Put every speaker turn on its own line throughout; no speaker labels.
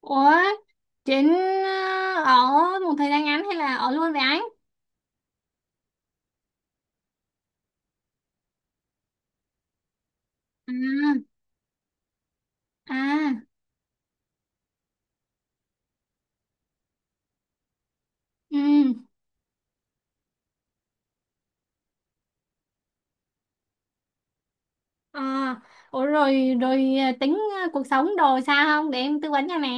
Ủa, Trịnh, ở một thời gian ngắn hay là ở luôn với anh? À, à, ừ, à, ủa, rồi, rồi, tính, cuộc sống đồ sao không để em tư vấn cho nè.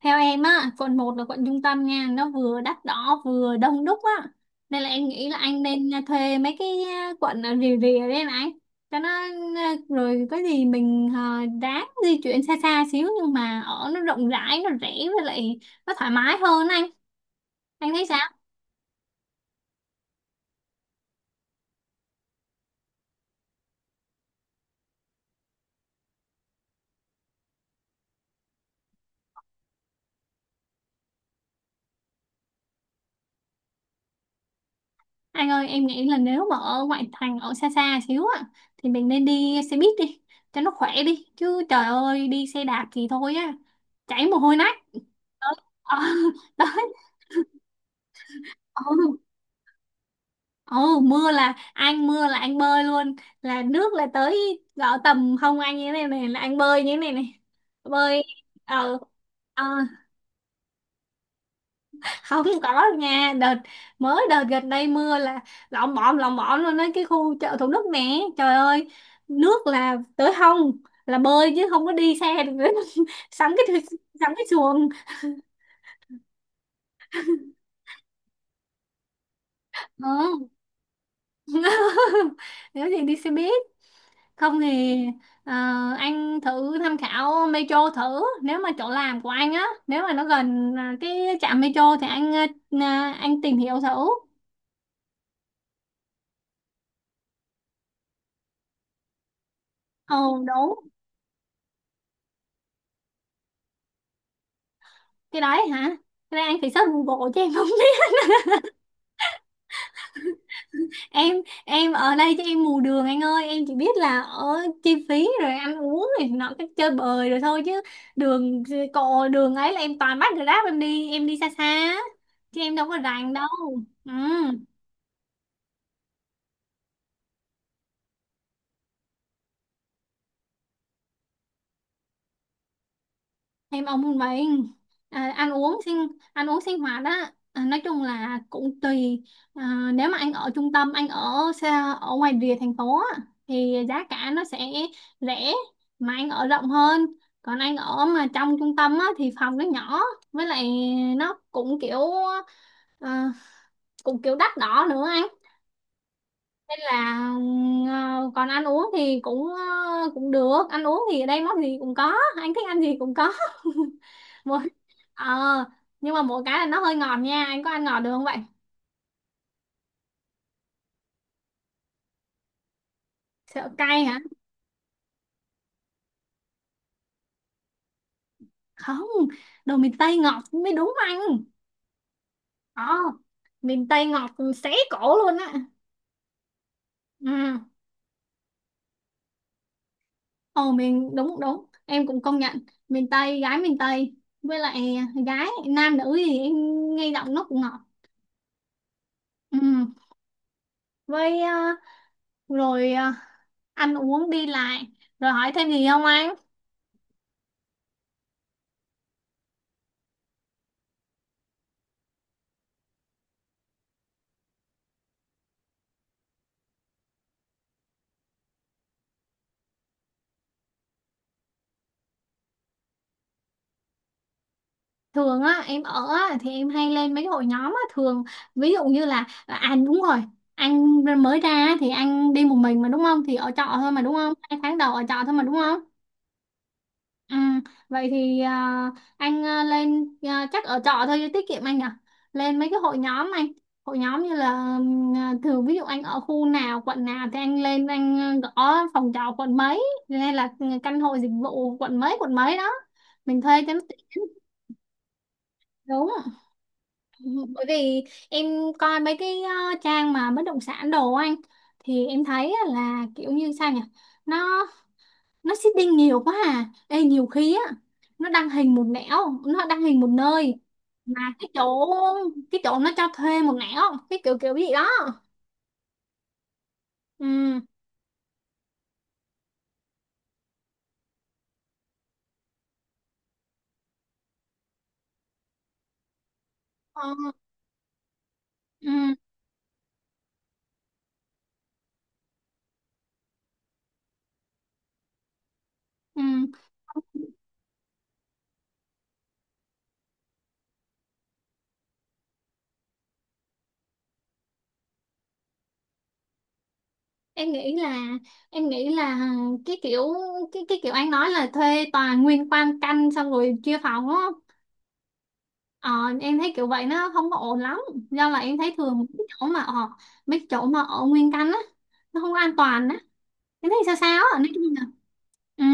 Theo em á, quận 1 là quận trung tâm nha, nó vừa đắt đỏ vừa đông đúc á. Nên là em nghĩ là anh nên thuê mấy cái quận ở rìa rìa đấy em anh. Cho nó rồi có gì mình ráng di chuyển xa xa xíu, nhưng mà ở nó rộng rãi, nó rẻ, với lại nó thoải mái hơn anh. Anh thấy sao? Anh ơi, em nghĩ là nếu mà ở ngoại thành, ở xa xa xíu á, thì mình nên đi xe buýt đi, cho nó khỏe đi. Chứ trời ơi, đi xe đạp thì thôi á, chảy mồ hôi nách. Đấy, ờ, đấy, ừ, ừ, mưa là anh bơi luôn, là nước là tới gõ tầm hông anh như thế này này, là anh bơi như thế này này. Bơi, ờ, ờ. không có đâu nha. Đợt gần đây mưa là lộn bộn luôn đấy, cái khu chợ Thủ Đức nè, trời ơi, nước là tới hông, là bơi chứ không có đi xe được nữa. sắm cái sắm cái xuồng. Ừ. Nếu gì đi xe buýt, không thì ờ, anh thử tham khảo metro thử, nếu mà chỗ làm của anh á, nếu mà nó gần cái trạm metro thì anh anh tìm hiểu thử. Ồ đúng, cái đấy hả, cái đấy anh phải search Google chứ em không. em em ở đây chứ em mù đường anh ơi, em chỉ biết là ở chi phí rồi ăn uống rồi nó cái chơi bời rồi thôi, chứ đường cộ đường ấy là em toàn bắt Grab em đi, em đi xa xa á, chứ em đâu có rành đâu. Ừ, em ông một mình. à, ăn uống sinh Ăn uống sinh hoạt á, nói chung là cũng tùy. Nếu mà anh ở trung tâm, anh ở xa ở ngoài rìa thành phố á, thì giá cả nó sẽ rẻ mà anh ở rộng hơn. Còn anh ở mà trong trung tâm á, thì phòng nó nhỏ, với lại nó cũng kiểu à, đắt đỏ nữa anh. Nên là còn ăn uống thì cũng à, cũng được, ăn uống thì ở đây món gì cũng có, anh thích ăn gì cũng có. mỗi ờ nhưng mà mỗi cái là nó hơi ngọt nha, anh có ăn ngọt được không vậy? Sợ cay hả? Không, đồ miền Tây ngọt mới đúng anh. Ờ, miền Tây ngọt xé cổ luôn á. Ừ. Ồ miền, đúng đúng, em cũng công nhận miền Tây, gái miền Tây, với lại gái nam nữ gì em nghe giọng nó cũng ngọt. Ừ, với rồi ờ, ăn uống đi lại rồi, hỏi thêm gì không anh? Thường á em ở á, thì em hay lên mấy hội nhóm á. Thường ví dụ như là à, à, đúng rồi, anh mới ra á, thì anh đi một mình mà đúng không, thì ở trọ thôi mà đúng không, 2 tháng đầu ở trọ thôi mà đúng không. Ừ, vậy thì à, anh à, lên à, chắc ở trọ thôi cho tiết kiệm anh lên mấy cái hội nhóm anh, hội nhóm như là thường ví dụ anh ở khu nào quận nào thì anh lên anh gõ phòng trọ quận mấy, hay là ừ, căn hộ dịch vụ quận mấy đó, mình thuê cho nó tiện. Đúng. Bởi vì em coi mấy cái trang mà bất động sản đồ anh, thì em thấy á là kiểu như sao nhỉ, nó nó seeding nhiều quá à. Ê, nhiều khi á nó đăng hình một nẻo nó đăng hình một nơi, mà cái chỗ nó cho thuê một nẻo, cái kiểu kiểu gì đó. Ừ. ờ, ừ ừ em nghĩ là, em nghĩ là cái kiểu, cái kiểu anh nói là thuê toàn nguyên quan căn xong rồi chia phòng đúng. Ờ, em thấy kiểu vậy nó không có ổn lắm, do là em thấy thường mấy chỗ mà ở nguyên căn á, nó không an toàn á. Em thấy sao sao á, nói chung là ừ.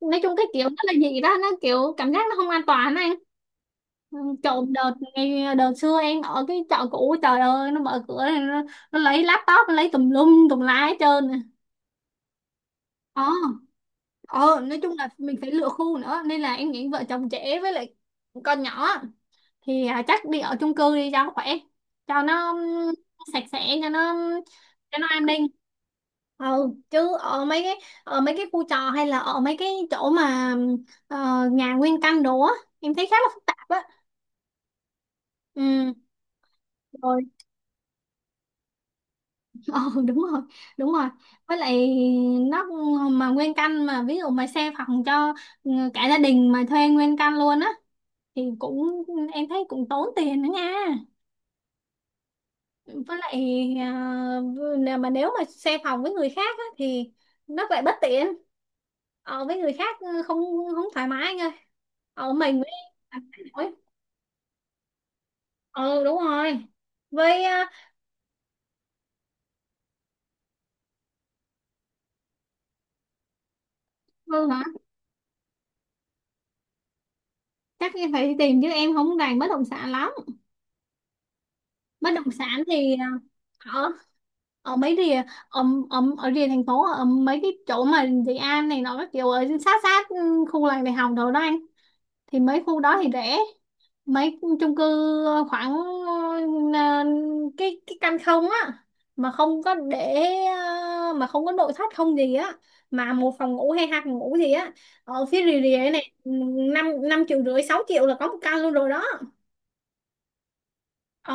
Nói chung cái kiểu nó là gì đó, nó kiểu cảm giác nó không an toàn á anh. Ừ, chỗ đợt ngày đợt xưa em ở cái chợ cũ, trời ơi, nó mở cửa này, nó lấy laptop, nó lấy tùm lum tùm la hết trơn nè. Ờ, ờ, nói chung là mình phải lựa khu nữa, nên là em nghĩ vợ chồng trẻ với lại con nhỏ thì chắc đi ở chung cư đi cho khỏe, cho nó sạch sẽ, cho nó an ninh. Ừ, chứ ở mấy cái, ở mấy cái khu trọ hay là ở mấy cái chỗ mà ờ, nhà nguyên căn đồ á, em thấy khá là phức tạp á. Ừ. Rồi, ờ, đúng rồi, đúng rồi. Với lại nó, mà nguyên căn mà ví dụ mà xe phòng cho ừ, cả gia đình mà thuê nguyên căn luôn á, thì cũng, em thấy cũng tốn tiền nữa nha. Với lại à, nè, mà nếu mà xe phòng với người khác á, thì nó lại bất tiện với người khác, ừ, không, không thoải mái anh ơi. Ờ, mình với Ôi, ừ đúng rồi. Với hả, chắc em phải tìm chứ em không rành bất động sản lắm. Bất động sản thì ở, ở mấy rìa, ở, ở rìa thành phố, ở mấy cái chỗ mà Dị An này nó các kiểu ở sát sát, ừ, khu làng đại học đồ đó anh, thì mấy khu đó thì rẻ. Mấy chung cư ờ, khoảng ờ, cái căn không á, mà không có để mà không có nội thất không gì á, mà 1 phòng ngủ hay 2 phòng ngủ gì á, ở phía rìa rìa này, năm 5 triệu rưỡi 6 triệu là có một căn luôn rồi đó. Ờ,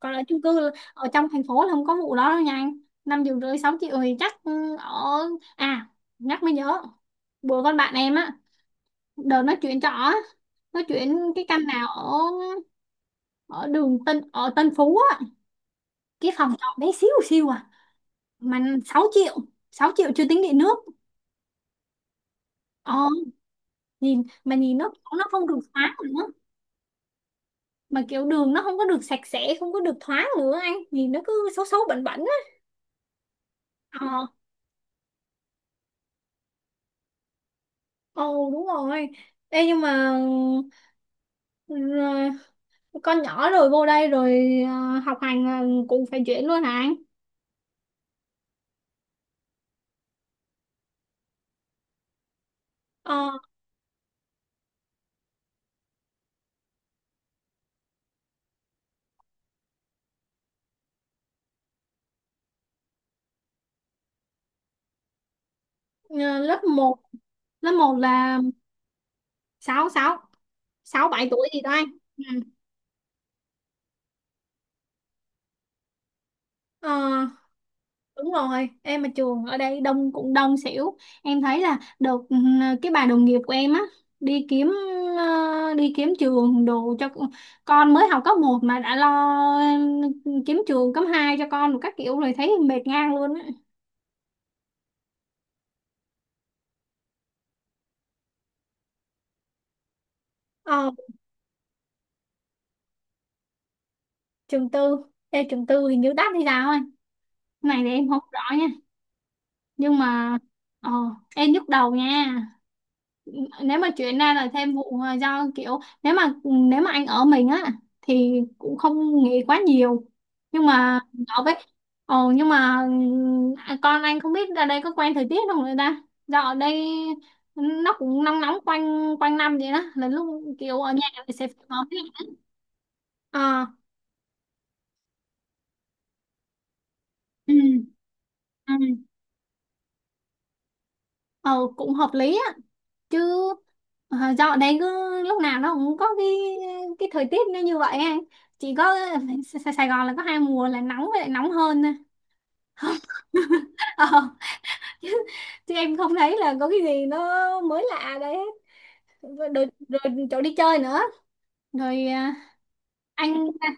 còn ở chung cư là, ở trong thành phố là không có vụ đó đâu nha anh. 5 triệu rưỡi 6 triệu thì chắc ừ, ở. À, nhắc mới nhớ, bữa con bạn em á, đợt nó chuyển trọ á, nó chuyển cái căn nào ở, ở đường Tân, ở Tân Phú á, cái phòng trọ bé xíu xíu à, mà 6 triệu, 6 triệu chưa tính điện nước. Ờ, nhìn nó không được thoáng nữa, mà kiểu đường nó không có được sạch sẽ, không có được thoáng nữa anh, nhìn nó cứ xấu xấu bẩn bẩn á. Ờ. Ồ đúng rồi. Ê nhưng mà ừ, ờ, con nhỏ rồi vô đây rồi học hành là cũng phải chuyển luôn hả anh? Ờ, ờ, lớp 1, lớp 1 là sáu, 6, 6-7 tuổi gì đó anh. Ừ. Ờ, đúng rồi, em mà trường ở đây đông cũng đông xỉu. Em thấy là được ừ, cái bà đồng nghiệp của em á đi kiếm đi kiếm trường đồ cho con mới học cấp 1 mà đã lo ừ, kiếm trường cấp 2 cho con một các kiểu rồi thấy mệt ngang luôn á. Ờ, trường tư, Ê, trường tư hình như đắt hay sao ấy. Này thì em không rõ nha, nhưng mà ờ, em nhức đầu nha. Nếu mà chuyển ra là thêm vụ do kiểu, nếu mà anh ở mình á thì cũng không nghĩ quá nhiều, nhưng mà ở với, ồ nhưng mà con anh không biết ra đây có quen thời tiết không người ta, do ở đây nó cũng nóng nóng quanh quanh năm vậy đó, là lúc kiểu ở nhà thì sẽ phải có cái. Ờ. Ừ, ừ, ờ, cũng hợp lý á, chứ dạo đấy cứ lúc nào nó cũng có cái thời tiết nó như vậy anh, chỉ có Sài Sài Gòn là có 2 mùa là nóng với lại nóng hơn thôi. Ờ, chứ, chứ em không thấy là có cái gì nó mới lạ đấy. Rồi, rồi, rồi chỗ đi chơi nữa, rồi à, anh à,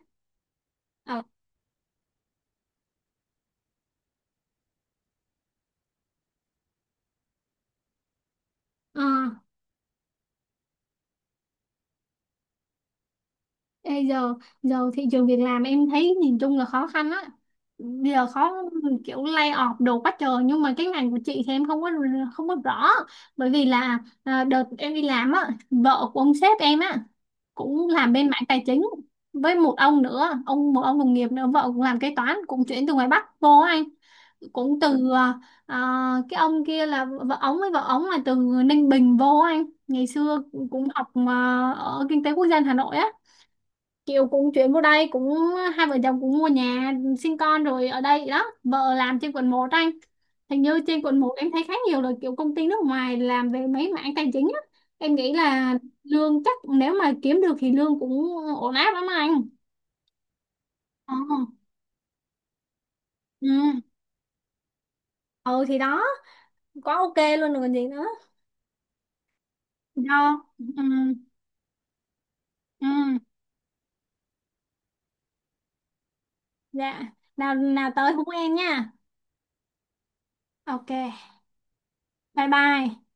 ờ, ờ, Ê, giờ, giờ thị trường việc làm em thấy nhìn chung là khó khăn á, bây giờ khó, kiểu lay off đồ quá trời, nhưng mà cái ngành của chị thì em không có, không có rõ. Bởi vì là đợt em đi làm á, vợ của ông sếp em á cũng làm bên mảng tài chính với một ông nữa, một ông đồng nghiệp nữa vợ cũng làm kế toán, cũng chuyển từ ngoài Bắc vô á anh, cũng từ à, à, cái ông kia là vợ ông là từ Ninh Bình vô á anh, ngày xưa cũng học mà ở kinh tế quốc dân Hà Nội á, kiểu cũng chuyển vô đây cũng, hai vợ chồng cũng mua nhà sinh con rồi ở đây đó, vợ làm trên quận 1 anh, hình như trên quận 1 em thấy khá nhiều là kiểu công ty nước ngoài làm về mấy mảng tài chính á. Em nghĩ là lương, chắc nếu mà kiếm được thì lương cũng ổn áp lắm anh. Ờ. Ừ, ừ thì đó, quá ok luôn rồi còn gì nữa. Do ừ. Ừ, dạ, nào nào tới hú em nha. Ok, bye bye.